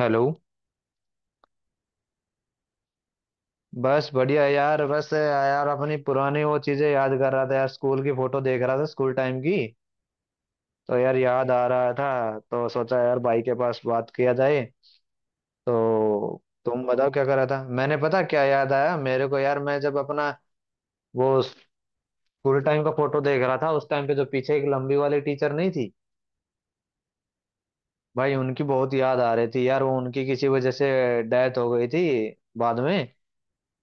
Hello. बस बढ़िया है यार। बस यार अपनी पुरानी वो चीजें याद कर रहा था यार, स्कूल की फोटो देख रहा था स्कूल टाइम की। तो यार याद आ रहा था तो सोचा यार भाई के पास बात किया जाए। तो तुम बताओ क्या कर रहा था। मैंने पता क्या याद आया मेरे को यार, मैं जब अपना वो स्कूल टाइम का फोटो देख रहा था उस टाइम पे जो पीछे एक लंबी वाली टीचर नहीं थी, भाई उनकी बहुत याद आ रही थी यार। वो उनकी किसी वजह से डेथ हो गई थी बाद में।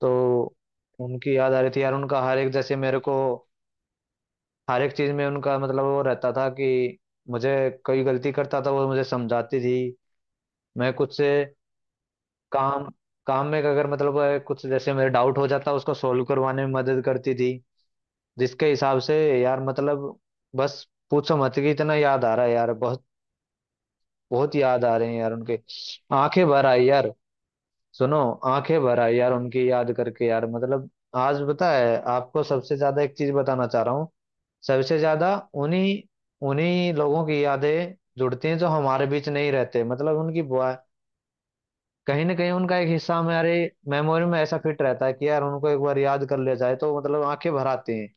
तो उनकी याद आ रही थी यार। उनका हर एक, जैसे मेरे को हर एक चीज में उनका मतलब वो रहता था कि मुझे कोई गलती करता था वो मुझे समझाती थी। मैं कुछ से काम, काम में अगर मतलब कुछ जैसे मेरे डाउट हो जाता उसको सोल्व करवाने में मदद करती थी, जिसके हिसाब से यार मतलब बस पूछो मत कि इतना याद आ रहा है यार। बहुत बहुत याद आ रहे हैं यार उनके। आंखें भर आई यार। सुनो, आंखें भर आई यार उनकी याद करके यार मतलब। आज पता है आपको सबसे ज्यादा एक चीज बताना चाह रहा हूँ। सबसे ज्यादा उन्हीं उन्हीं लोगों की यादें जुड़ती हैं जो हमारे बीच नहीं रहते। मतलब उनकी बुआ कहीं ना कहीं उनका एक हिस्सा हमारे मेमोरी में ऐसा फिट रहता है कि यार उनको एक बार याद कर लिया जाए तो मतलब आंखें भर आती हैं।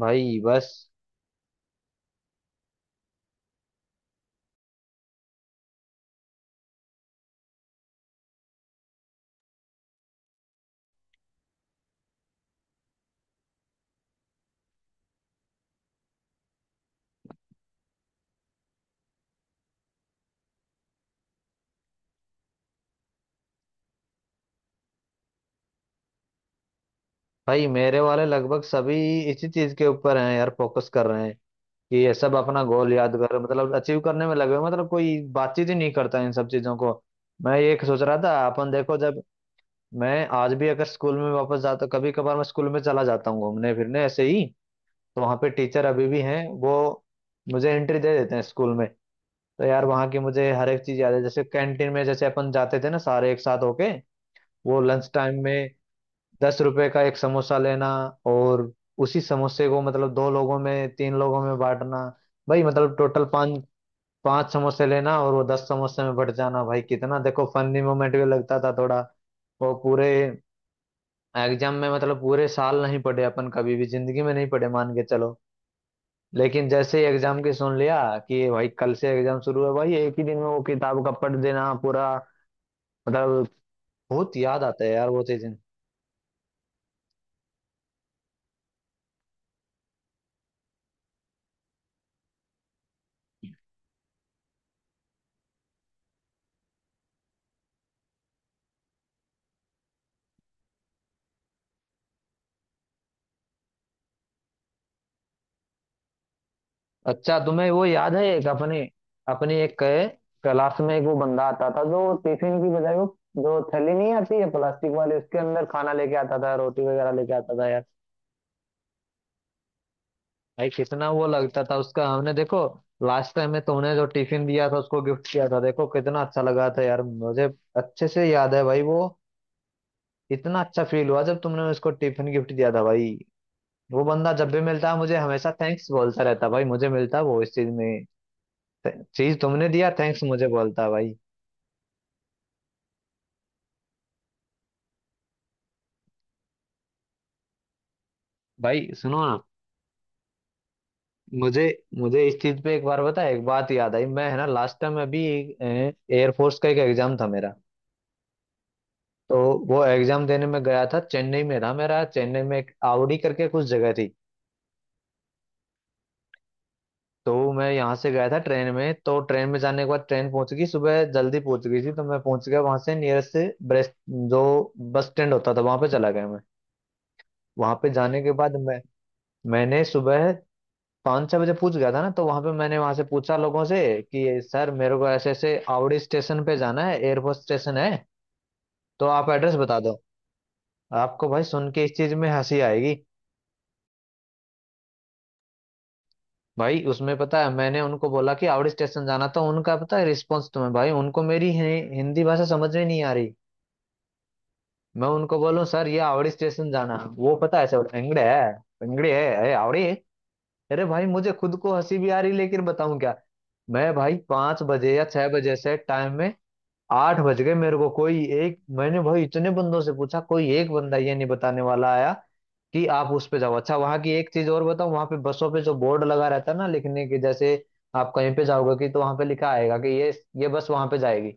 भाई बस। भाई मेरे वाले लगभग सभी इसी चीज के ऊपर हैं यार, फोकस कर रहे हैं कि ये सब अपना गोल याद कर मतलब अचीव करने में लगे हुए हैं। मतलब कोई बातचीत ही नहीं करता इन सब चीजों को। मैं ये सोच रहा था, अपन देखो जब मैं आज भी अगर स्कूल में वापस जाता, कभी कभार मैं स्कूल में चला जाता हूँ घूमने फिरने ऐसे ही। तो वहाँ पे टीचर अभी भी हैं, वो मुझे एंट्री दे देते हैं स्कूल में। तो यार वहाँ की मुझे हर एक चीज़ याद है, जैसे कैंटीन में जैसे अपन जाते थे ना सारे एक साथ होके वो लंच टाइम में 10 रुपए का एक समोसा लेना। और उसी समोसे को मतलब दो लोगों में तीन लोगों में बांटना। भाई मतलब टोटल पाँच पाँच समोसे लेना और वो 10 समोसे में बट जाना। भाई कितना देखो फनी मोमेंट भी लगता था थोड़ा। वो पूरे एग्जाम में मतलब पूरे साल नहीं पढ़े अपन, कभी भी जिंदगी में नहीं पढ़े मान के चलो। लेकिन जैसे ही एग्जाम की सुन लिया कि भाई कल से एग्जाम शुरू है, भाई एक ही दिन में वो किताब का पढ़ देना पूरा। मतलब बहुत याद आता है यार वो चीजें। अच्छा तुम्हें वो याद है, एक अपने अपनी एक क्लास में एक वो बंदा आता था जो टिफिन की बजाय वो जो थैली नहीं आती है प्लास्टिक वाली उसके अंदर खाना लेके आता था, रोटी वगैरह लेके आता था। भाई कितना वो लगता था उसका, हमने देखो लास्ट टाइम में तुमने जो टिफिन दिया था उसको गिफ्ट किया था, देखो कितना अच्छा लगा था यार मुझे। अच्छे से याद है भाई वो। इतना अच्छा फील हुआ जब तुमने उसको टिफिन गिफ्ट दिया था भाई। वो बंदा जब भी मिलता है मुझे हमेशा थैंक्स बोलता रहता है भाई, मुझे मिलता है वो इस चीज में। चीज तुमने दिया थैंक्स मुझे बोलता है भाई। भाई सुनो ना, मुझे मुझे इस चीज पे एक बार बता, एक बात याद आई। मैं है ना लास्ट टाइम अभी एयरफोर्स का एक एग्जाम था मेरा। तो वो एग्जाम देने में गया था, चेन्नई में था मेरा, चेन्नई में एक आवड़ी करके कुछ जगह थी। तो मैं यहाँ से गया था ट्रेन में, तो ट्रेन में जाने के बाद ट्रेन पहुंच गई, सुबह जल्दी पहुंच गई थी। तो मैं पहुंच गया वहां से, नियरेस्ट से ब्रेस्ट जो बस स्टैंड होता था वहां पे चला गया मैं। वहां पे जाने के बाद मैंने सुबह 5-6 बजे पूछ गया था ना, तो वहां पे मैंने वहां से पूछा लोगों से कि सर मेरे को ऐसे ऐसे आवड़ी स्टेशन पे जाना है, एयरपोर्ट स्टेशन है तो आप एड्रेस बता दो। आपको भाई सुन के इस चीज में हंसी आएगी। भाई उसमें पता है मैंने उनको बोला कि हावड़ी स्टेशन जाना था, उनका पता है रिस्पॉन्स तुम्हें? भाई उनको मेरी हिंदी भाषा समझ में नहीं आ रही। मैं उनको बोलूं सर ये हावड़ी स्टेशन जाना, वो पता है ऐसे बोलते हैं, इंगड़े है। इंगड़े है, अरे हावड़ी। अरे भाई मुझे खुद को हंसी भी आ रही लेकिन बताऊं क्या। मैं भाई 5 बजे या 6 बजे से टाइम में 8 बज गए मेरे को। कोई एक, मैंने भाई इतने बंदों से पूछा, कोई एक बंदा ये नहीं बताने वाला आया कि आप उस पे जाओ। अच्छा, वहां की एक चीज और बताऊं, वहां पे बसों पे जो बोर्ड लगा रहता है ना लिखने के जैसे आप कहीं पे जाओगे कि, तो वहां पे लिखा आएगा कि ये बस वहां पे जाएगी।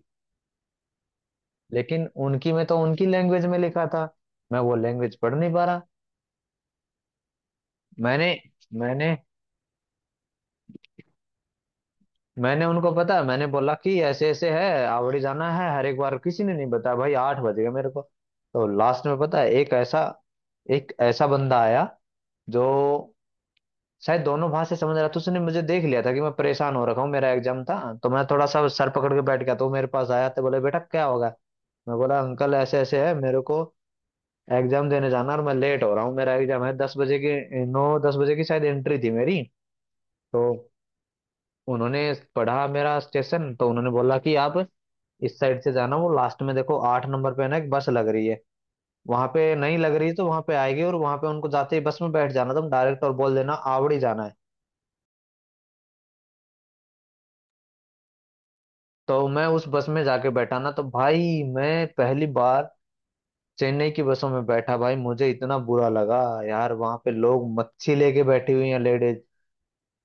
लेकिन उनकी में तो उनकी लैंग्वेज में लिखा था। मैं वो लैंग्वेज पढ़ नहीं पा रहा। मैंने मैंने मैंने उनको पता, मैंने बोला कि ऐसे ऐसे है आवड़ी जाना है, हर एक बार किसी ने नहीं बताया। भाई 8 बज गए मेरे को। तो लास्ट में पता है एक ऐसा बंदा आया जो शायद दोनों भाषा समझ रहा था। तो उसने मुझे देख लिया था कि मैं परेशान हो रखा हूँ, मेरा एग्जाम था, तो मैं थोड़ा सा सर पकड़ के बैठ गया। तो वो मेरे पास आया, तो बोले बेटा क्या होगा। मैं बोला अंकल ऐसे ऐसे है मेरे को एग्जाम देने जाना और मैं लेट हो रहा हूँ, मेरा एग्जाम है 10 बजे की, 9:10 बजे की शायद एंट्री थी मेरी। तो उन्होंने पढ़ा मेरा स्टेशन, तो उन्होंने बोला कि आप इस साइड से जाना, वो लास्ट में देखो 8 नंबर पे ना एक बस लग रही है, वहां पे नहीं लग रही तो वहां पे आएगी, और वहां पे उनको जाते ही बस में बैठ जाना तुम डायरेक्ट और बोल देना आवड़ी जाना है। तो मैं उस बस में जाके बैठा ना, तो भाई मैं पहली बार चेन्नई की बसों में बैठा। भाई मुझे इतना बुरा लगा यार, वहां पे लोग मच्छी लेके बैठी हुई हैं लेडीज,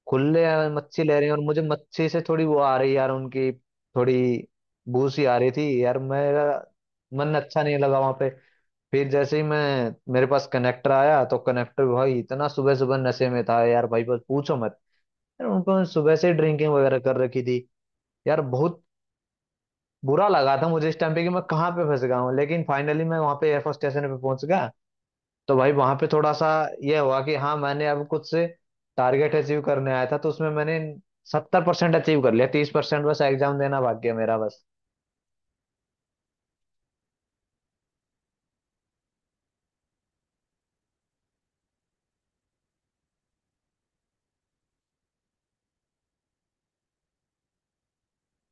खुले मच्छी ले रहे हैं। और मुझे मच्छी से थोड़ी वो आ रही यार, उनकी थोड़ी बू सी आ रही थी यार। मेरा मन अच्छा नहीं लगा वहां पे। फिर जैसे ही मैं, मेरे पास कनेक्टर आया तो कनेक्टर भाई इतना सुबह सुबह नशे में था यार भाई, बस पूछो मत। यार उनको सुबह से ड्रिंकिंग वगैरह कर रखी थी यार। बहुत बुरा लगा था मुझे इस टाइम पे कि मैं कहाँ पे फंस गया हूँ। लेकिन फाइनली मैं वहाँ पे एयरफोर्स स्टेशन पे पहुंच गया। तो भाई वहाँ पे थोड़ा सा ये हुआ कि हाँ, मैंने अब कुछ से टारगेट अचीव करने आया था तो उसमें मैंने 70% अचीव कर लिया, 30% बस एग्जाम देना बाकी है मेरा बस।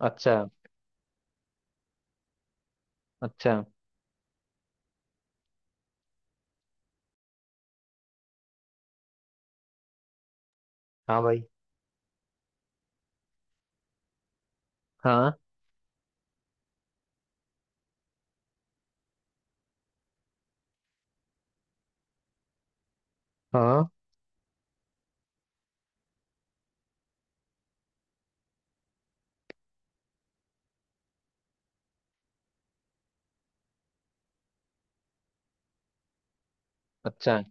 अच्छा। अच्छा। हाँ भाई। हाँ हाँ। अच्छा।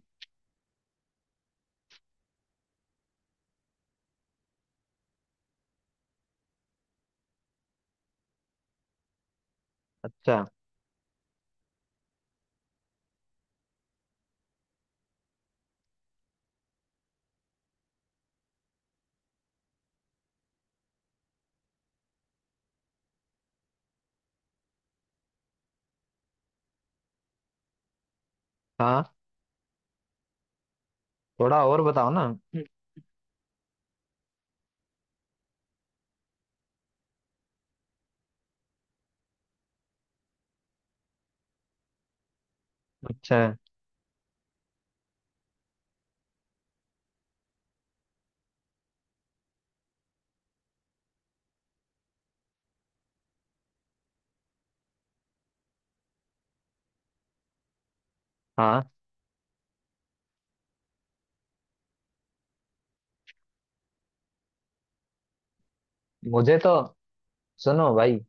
अच्छा। हाँ। थोड़ा और बताओ ना। अच्छा। हाँ मुझे तो, सुनो भाई,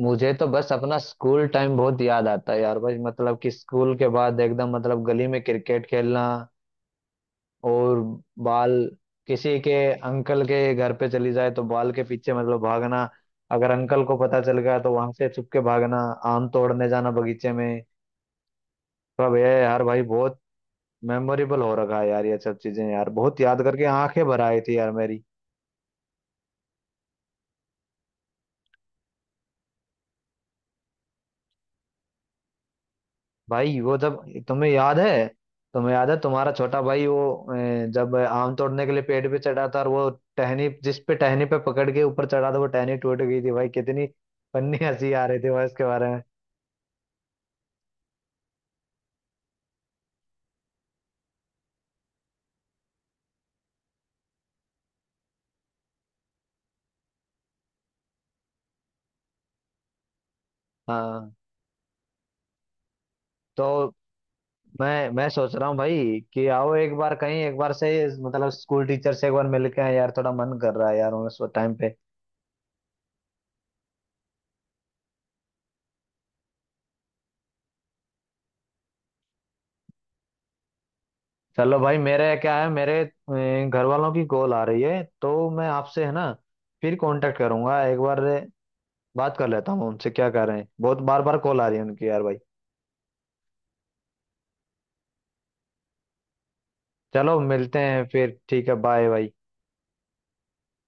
मुझे तो बस अपना स्कूल टाइम बहुत याद आता है यार भाई, मतलब कि स्कूल के बाद एकदम मतलब गली में क्रिकेट खेलना। और बाल किसी के अंकल के घर पे चली जाए तो बाल के पीछे मतलब भागना। अगर अंकल को पता चल गया तो वहां से छुप के भागना। आम तोड़ने जाना बगीचे में। सब ये यार भाई बहुत मेमोरेबल हो रखा है यार, ये सब चीजें यार बहुत याद करके आंखें भर आई थी यार मेरी। भाई वो जब, तुम्हें याद है तुम्हें याद है तुम्हारा छोटा भाई वो जब आम तोड़ने के लिए पेड़ पे चढ़ा था और वो टहनी, जिस पे टहनी पे पकड़ के ऊपर चढ़ा था वो टहनी टूट गई थी। भाई कितनी फन्नी हंसी आ रही थी भाई उसके बारे में। हाँ तो मैं सोच रहा हूँ भाई कि आओ एक बार कहीं, एक बार से मतलब स्कूल टीचर से एक बार मिल के आएं यार, थोड़ा मन कर रहा है यार उस टाइम पे। चलो भाई, मेरे क्या है, मेरे घर वालों की कॉल आ रही है, तो मैं आपसे है ना फिर कांटेक्ट करूंगा एक बार। बात कर लेता हूँ उनसे क्या कर रहे हैं, बहुत बार बार कॉल आ रही है उनकी यार भाई। चलो मिलते हैं फिर ठीक है, बाय भाई।